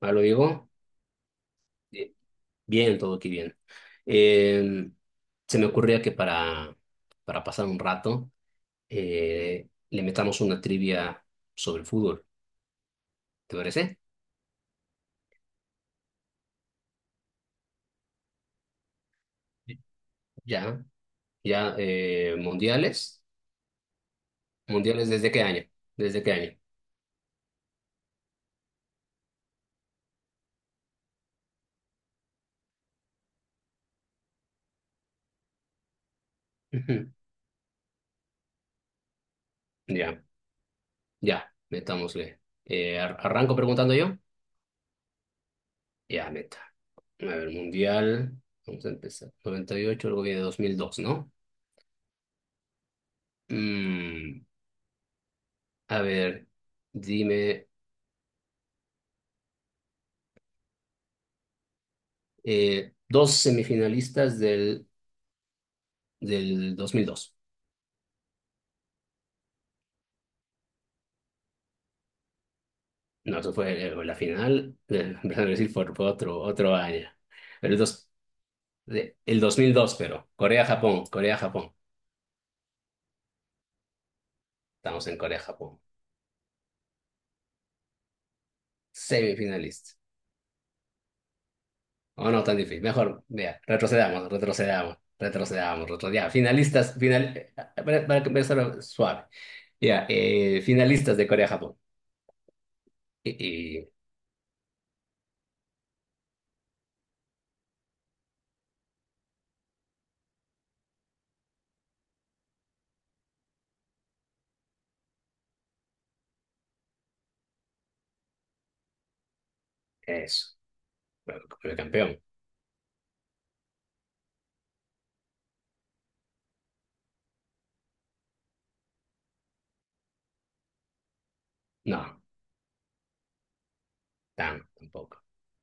Ah, lo digo. eh, Bien, todo aquí bien. Eh, se me ocurría que para pasar un rato, le metamos una trivia sobre el fútbol. ¿Te parece? Sí. Ya, ya. Mundiales. ¿Mundiales desde qué año? ¿Desde qué año? Ujú. Ya, ya. Metámosle. ¿Arranco preguntando yo? Ya, meta. A ver, mundial. Vamos a empezar. 98, luego viene 2002, ¿no? Mm, a ver, dime. Dos semifinalistas del 2002. No, eso fue la final, empezando a decir fue otro año. Pero el 2002, pero Corea-Japón, Corea-Japón. Estamos en Corea-Japón. Semifinalistas. Oh, no, tan difícil. Mejor, vea, retrocedamos, retrocedamos, retrocedamos, retrocedamos. Ya, finalistas, final, para empezar suave. Ya, finalistas de Corea-Japón. Y, y eso, el campeón. No, tampoco.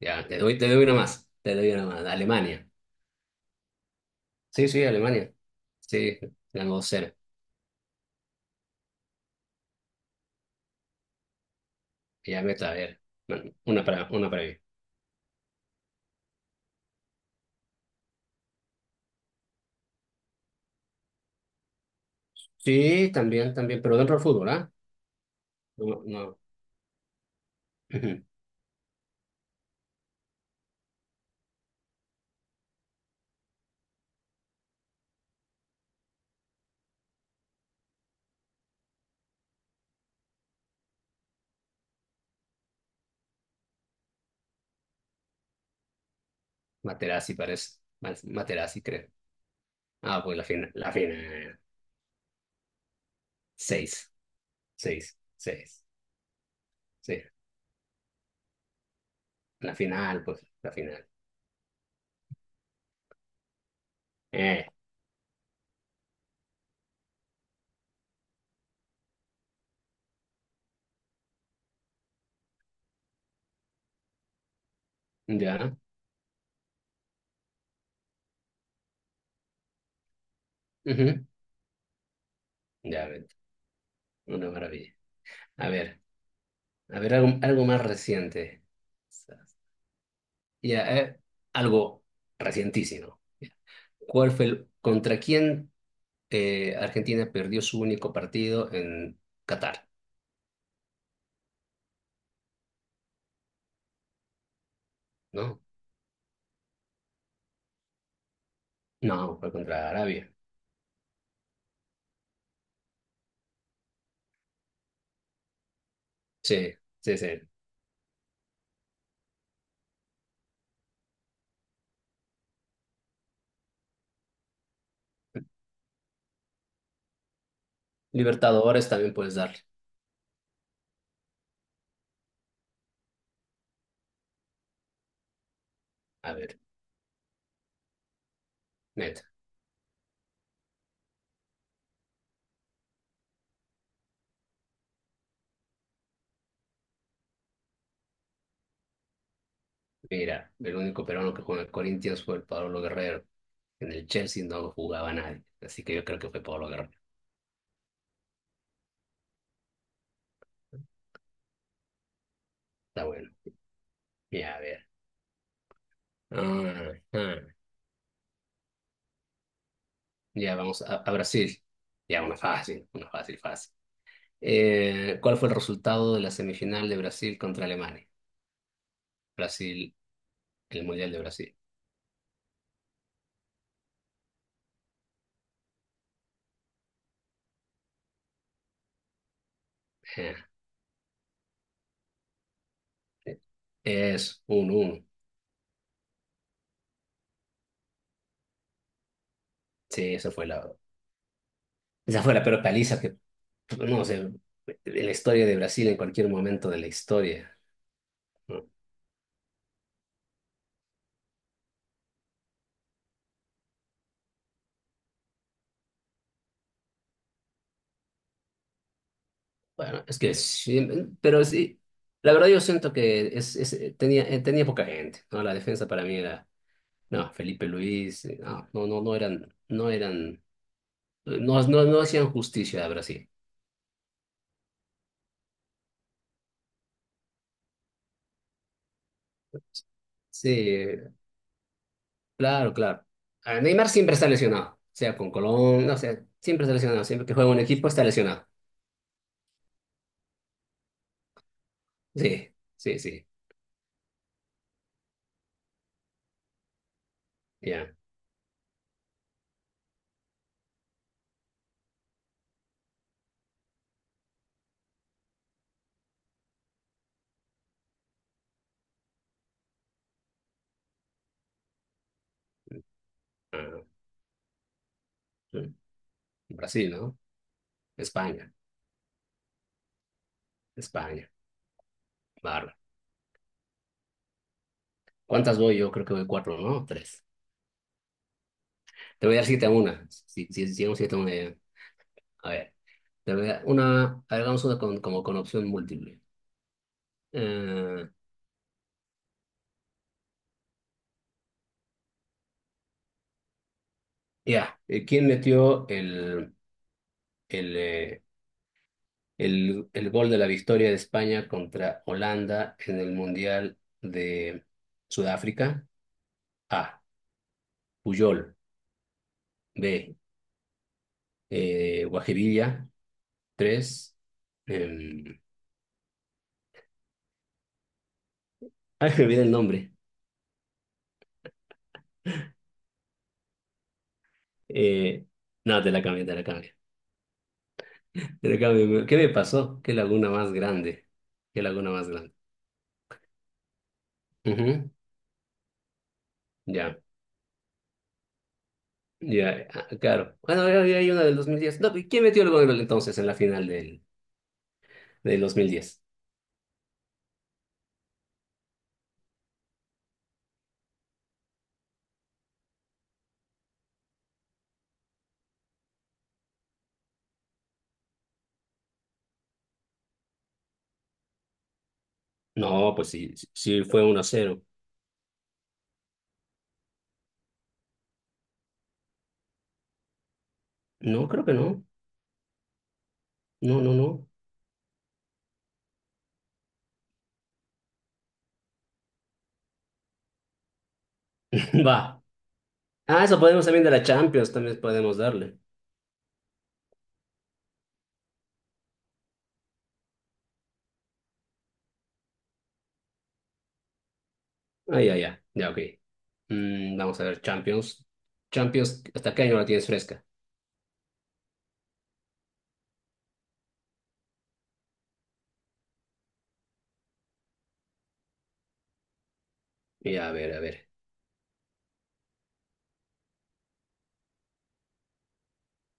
Ya, te doy una más. Te doy una más. Alemania. Sí, sí, Alemania. Sí, ganó cero. Ya me está, a ver. Bueno, una para mí. Sí, también, también, pero dentro del fútbol, ¿ah? No, no. Ujú. Materazzi parece. Materazzi, creo. Ah, pues la final, la final. Seis, seis, seis. Sí, la final, pues, la final. Eh, ya, ujú, ya, una maravilla. A ver, a ver, algo más reciente. Ya, algo recientísimo. Ya. ¿Cuál fue contra quién Argentina perdió su único partido en Qatar? ¿No? No, fue contra Arabia. Sí, sí, sí. Libertadores también puedes darle. A ver, neta. Mira, el único peruano que jugó en el Corinthians fue el Pablo Guerrero. En el Chelsea no jugaba nadie. Así que yo creo que fue Pablo Guerrero. Está bueno. Ya, a ver. Ah, ah. Ya, vamos a Brasil. Ya, una fácil, fácil. ¿Cuál fue el resultado de la semifinal de Brasil contra Alemania? Brasil, el Mundial de Brasil. Eh, eh, es 1 uno. Sí, esa fue la peor paliza que, no sé, de la historia de Brasil en cualquier momento de la historia, ¿no? Bueno, es que sí, pero sí, la verdad yo siento que tenía poca gente, ¿no? La defensa para mí era, no, Felipe Luis, no, no, no, no eran, no, no, no hacían justicia a Brasil. Sí, claro, claro. Ah, Neymar siempre está lesionado, sea con Colón, no sé, siempre está lesionado, siempre que juega un equipo está lesionado. Sí, sí, sí, ya. Ah, mm. Brasil, ¿no? España, España, bárbaro. ¿Cuántas voy? Yo creo que voy cuatro, ¿no? Tres. Te voy a dar 7-1, si llegamos 7-1. Ya. A ver, te voy a dar una, a ver, hagamos una como con opción múltiple. Eh, ya, ¿Quién metió el, eh, el gol de la victoria de España contra Holanda en el Mundial de Sudáfrica? A. Puyol. B. Guajevilla. Tres. Eh, Ay, me olvidé el nombre. Eh, no, te la cambié, te la cambié. Te la cambié. ¿Qué me pasó? ¿Qué laguna más grande? ¿Qué laguna más grande? Ujú, ya, ya, ah, claro. Bueno, ya había una del 2010. No, ¿y quién metió el gol entonces en la final del 2010? No, pues sí, sí, sí, fue 1 cero. No, creo que no. No, no, no. Va. Ah, eso podemos también de la Champions, también podemos darle. Ah, ya, ya. Ya, ok. Vamos a ver, Champions. Champions, ¿hasta qué año la tienes fresca? Ya, a ver, a ver.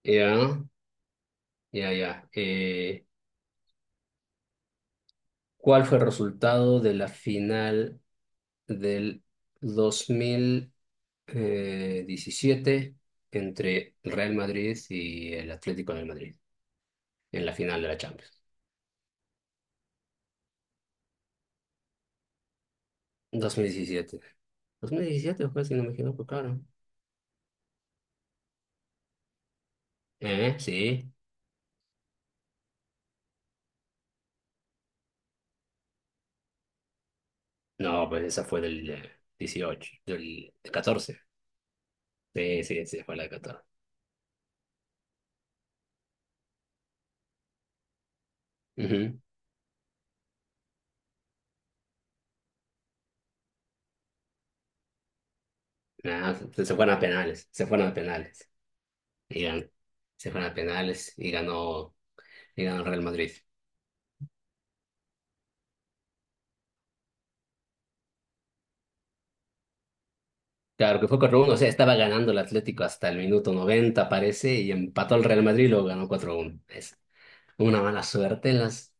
Ya, ya, ya. ¿Cuál fue el resultado de la final del 2017 entre el Real Madrid y el Atlético de Madrid en la final de la Champions? 2017. 2017 fue, si no me equivoco, claro. ¿Eh? Sí. No, pues esa fue del 18, del 14. Sí, sí, sí, fue la del catorce. Ujú. Nah, se fueron a penales, se fueron a penales. Y se fueron a penales y ganó el Real Madrid. Claro que fue 4-1, o sea, estaba ganando el Atlético hasta el minuto 90 parece, y empató el Real Madrid y luego ganó 4-1. Es una mala suerte en las...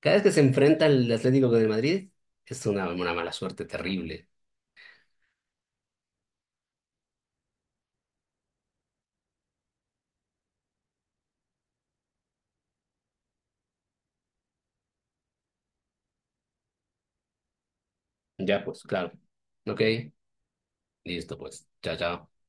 Cada vez que se enfrenta el Atlético con el Madrid, es una mala suerte terrible. Ya, pues, claro. Ok, listo, pues. Chao, chao.